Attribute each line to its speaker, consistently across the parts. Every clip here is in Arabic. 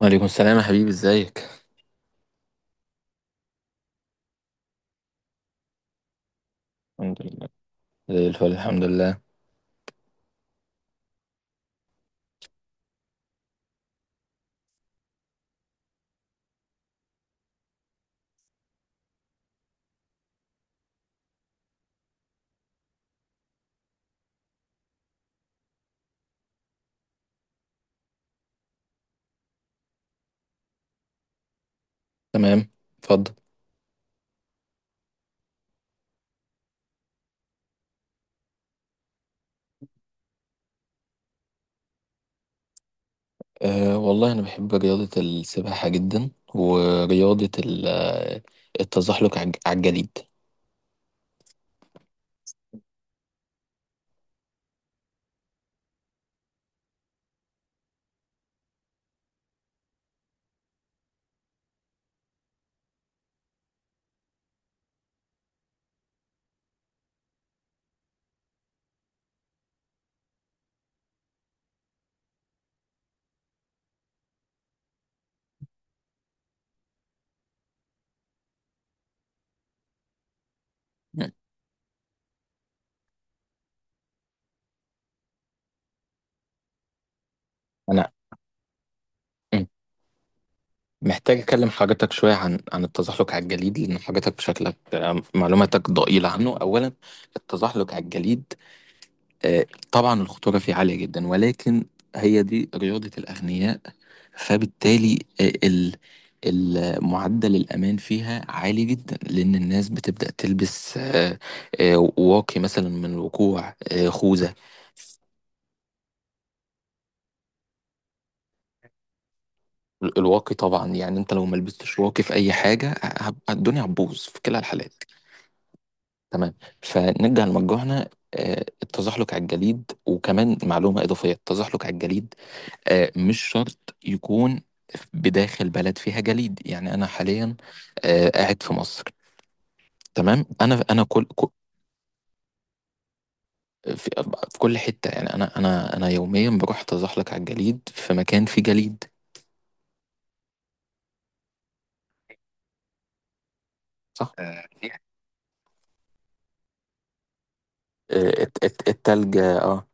Speaker 1: وعليكم السلام يا حبيبي ازيك. الحمد لله، زي الفل الحمد لله. تمام، اتفضل. أه والله انا بحب رياضة السباحة جدا ورياضة التزحلق على الجليد. مم. انا مم. محتاج اكلم حضرتك شوية عن عن التزحلق على الجليد لان حضرتك شكلك معلوماتك ضئيلة عنه اولا. التزحلق على الجليد، آه، طبعا الخطورة فيه عالية جدا، ولكن هي دي رياضة الأغنياء. فبالتالي معدل الأمان فيها عالي جدا، لأن الناس بتبدأ تلبس واقي مثلا من الوقوع، خوذة. الواقي طبعا، يعني أنت لو ما لبستش واقي في أي حاجة الدنيا هتبوظ في كلا الحالات. تمام، فنرجع لمرجوعنا. التزحلق على الجليد، وكمان معلومة إضافية: التزحلق على الجليد مش شرط يكون بداخل بلد فيها جليد. يعني انا حاليا قاعد في مصر. تمام، انا في في كل حته، يعني انا يوميا بروح اتزحلق على الجليد في مكان فيه جليد. صح، التلج اه.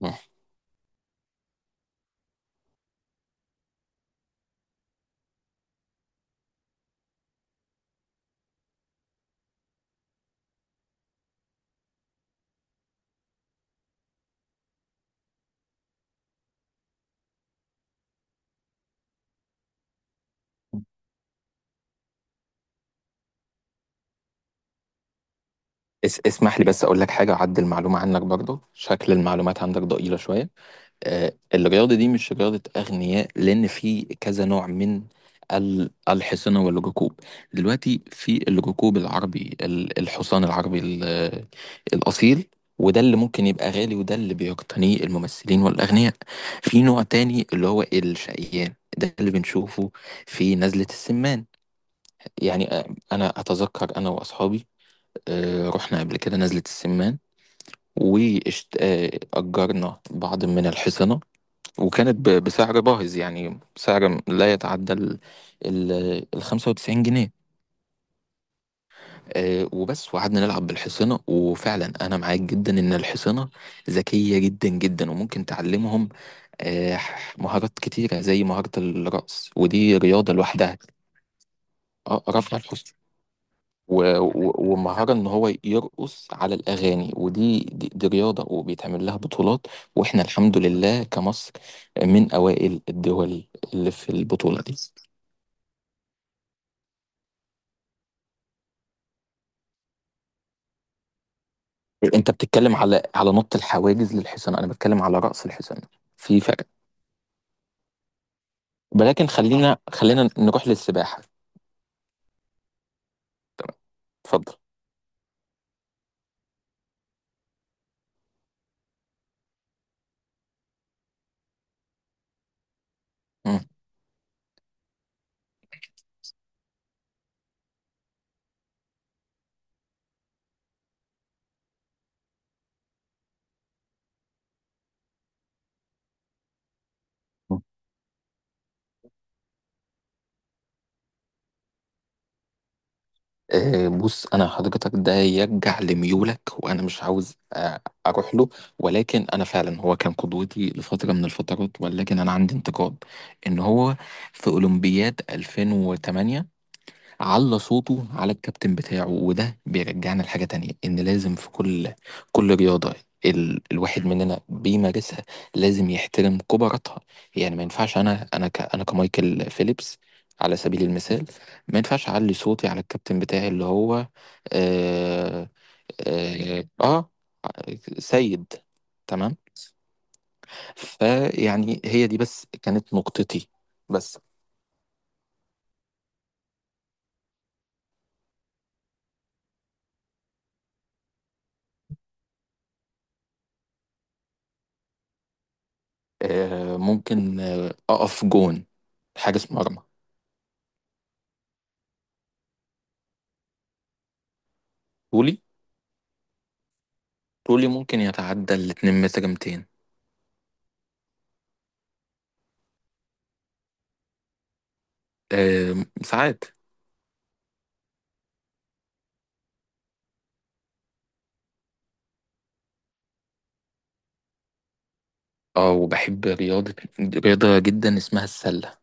Speaker 1: مم. اسمح لي بس اقول لك حاجه، اعدل المعلومه عنك برضو، شكل المعلومات عندك ضئيله شويه. الرياضة دي مش رياضة أغنياء، لأن في كذا نوع من الحصانة والركوب. دلوقتي في الركوب العربي، الحصان العربي الأصيل، وده اللي ممكن يبقى غالي، وده اللي بيقتنيه الممثلين والأغنياء. في نوع تاني اللي هو الشقيان، ده اللي بنشوفه في نزلة السمان. يعني أنا أتذكر أنا وأصحابي رحنا قبل كده نزلة السمان، وأجرنا بعض من الحصنة، وكانت بسعر باهظ. يعني سعر لا يتعدى ال ال 95 جنيه. وبس. وقعدنا نلعب بالحصانة. وفعلا أنا معاك جدا إن الحصانة ذكية جدا جدا، وممكن تعلمهم آه، مهارات كتيرة زي مهارة الرقص، ودي رياضة لوحدها. اه رفع الحصن، ومهارة إن هو يرقص على الأغاني، ودي دي رياضة وبيتعمل لها بطولات. وإحنا الحمد لله كمصر من أوائل الدول اللي في البطولة دي. انت بتتكلم على على نط الحواجز للحصان، انا بتكلم على رأس الحصان، في فرق. ولكن خلينا نروح للسباحة. تمام، اتفضل. مم. بص، انا حضرتك ده يرجع لميولك، وانا مش عاوز اروح له، ولكن انا فعلا هو كان قدوتي لفتره من الفترات، ولكن انا عندي انتقاد ان هو في اولمبياد 2008 على صوته على الكابتن بتاعه. وده بيرجعنا لحاجة تانية: إن لازم في كل رياضة الواحد مننا بيمارسها لازم يحترم كبراتها. يعني ما ينفعش أنا كمايكل فيليبس على سبيل المثال ما ينفعش أعلي صوتي على الكابتن بتاعي اللي هو آه آه, آه سيد. تمام، فيعني هي دي بس كانت نقطتي. بس ممكن أقف جون، حارس مرمى. طولي طولي ممكن يتعدى الاتنين متر 200. أه، ساعات. اه، وبحب رياضة جدا اسمها السلة.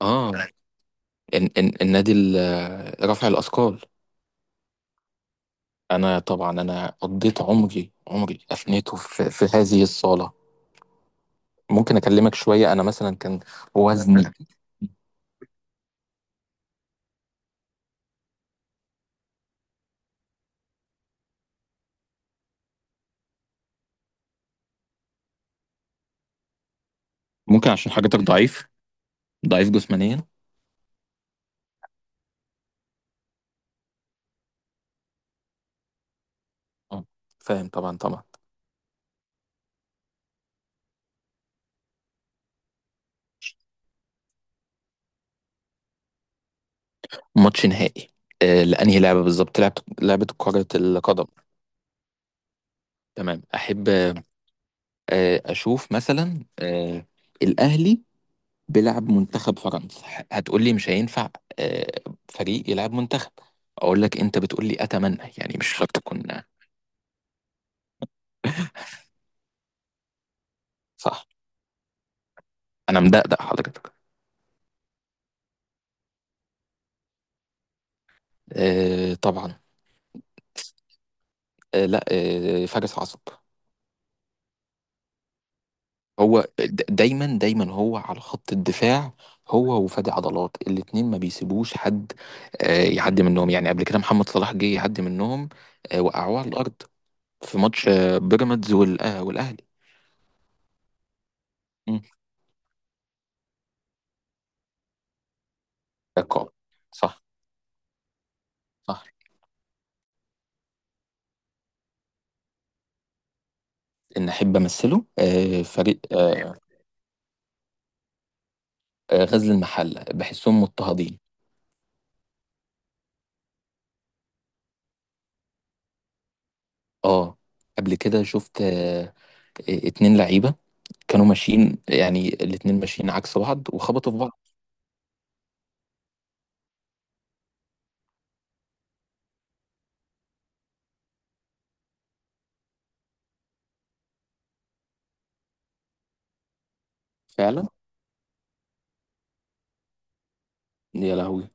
Speaker 1: اه، النادي رفع الأثقال. أنا طبعا أنا قضيت عمري أفنيته في, في هذه الصالة. ممكن أكلمك شوية، أنا مثلا كان وزني… ممكن عشان حضرتك ضعيف، ضعيف جسمانيا. آه، فاهم طبعا طبعا. ماتش نهائي لأنهي لعبة؟ بالظبط، لعبة كرة القدم. تمام، أحب اشوف مثلا الاهلي بيلعب منتخب فرنسا. هتقول لي مش هينفع آه، فريق يلعب منتخب، اقول لك انت بتقول لي اتمنى، يعني مش شرط تكون. صح، انا مدقدق حضرتك. طبعا. لا. فارس عصب. هو دايما دايما هو على خط الدفاع، هو وفادي عضلات الاتنين ما بيسيبوش حد يعدي منهم. يعني قبل كده محمد صلاح جه يعدي منهم، وقعوه على الارض في ماتش بيراميدز والاهلي. مم. كعقاب، صح، صح. ان احب امثله فريق غزل المحله، بحسهم مضطهدين. اه، قبل كده شفت اتنين لعيبه كانوا ماشيين، يعني الاتنين ماشيين عكس بعض وخبطوا في بعض. فعلا، يا لهوي.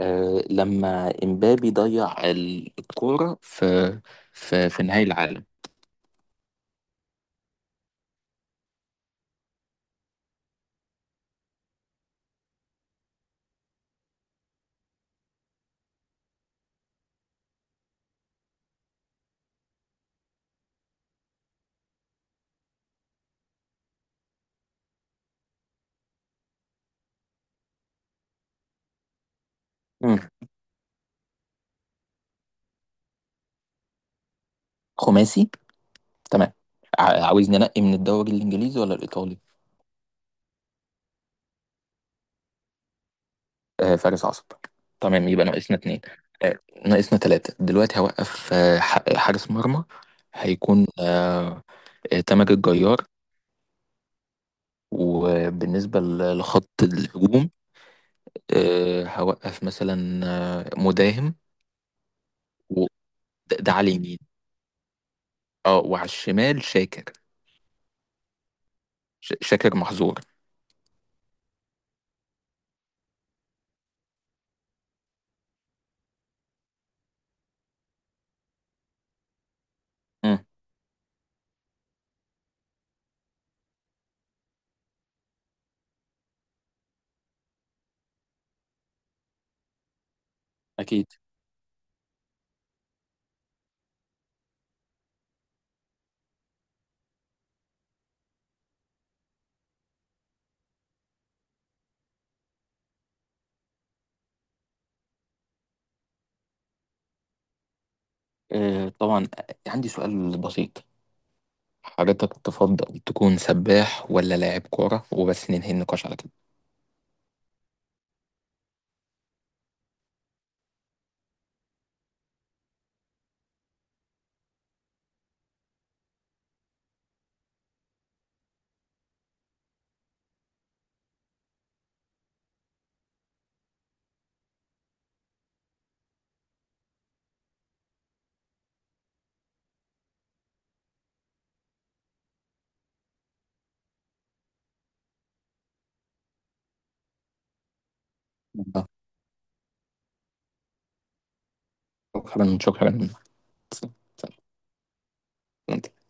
Speaker 1: لما امبابي ضيع الكوره في في نهائي العالم. مم. خماسي. تمام، عاوزني انقي من الدوري الانجليزي ولا الايطالي؟ فارس عصب. تمام، يبقى ناقصنا اتنين. آه، ناقصنا تلاتة دلوقتي. هوقف حارس مرمى، هيكون تامر الجيار. وبالنسبة لخط الهجوم هوقف مثلا مداهم، وده ده على اليمين، اه، وعلى الشمال شاكر. شاكر محظور. مم، أكيد طبعا. عندي سؤال بسيط: حضرتك تفضل تكون سباح ولا لاعب كورة؟ وبس ننهي النقاش على كده. آه، شكرا شكرا. أنت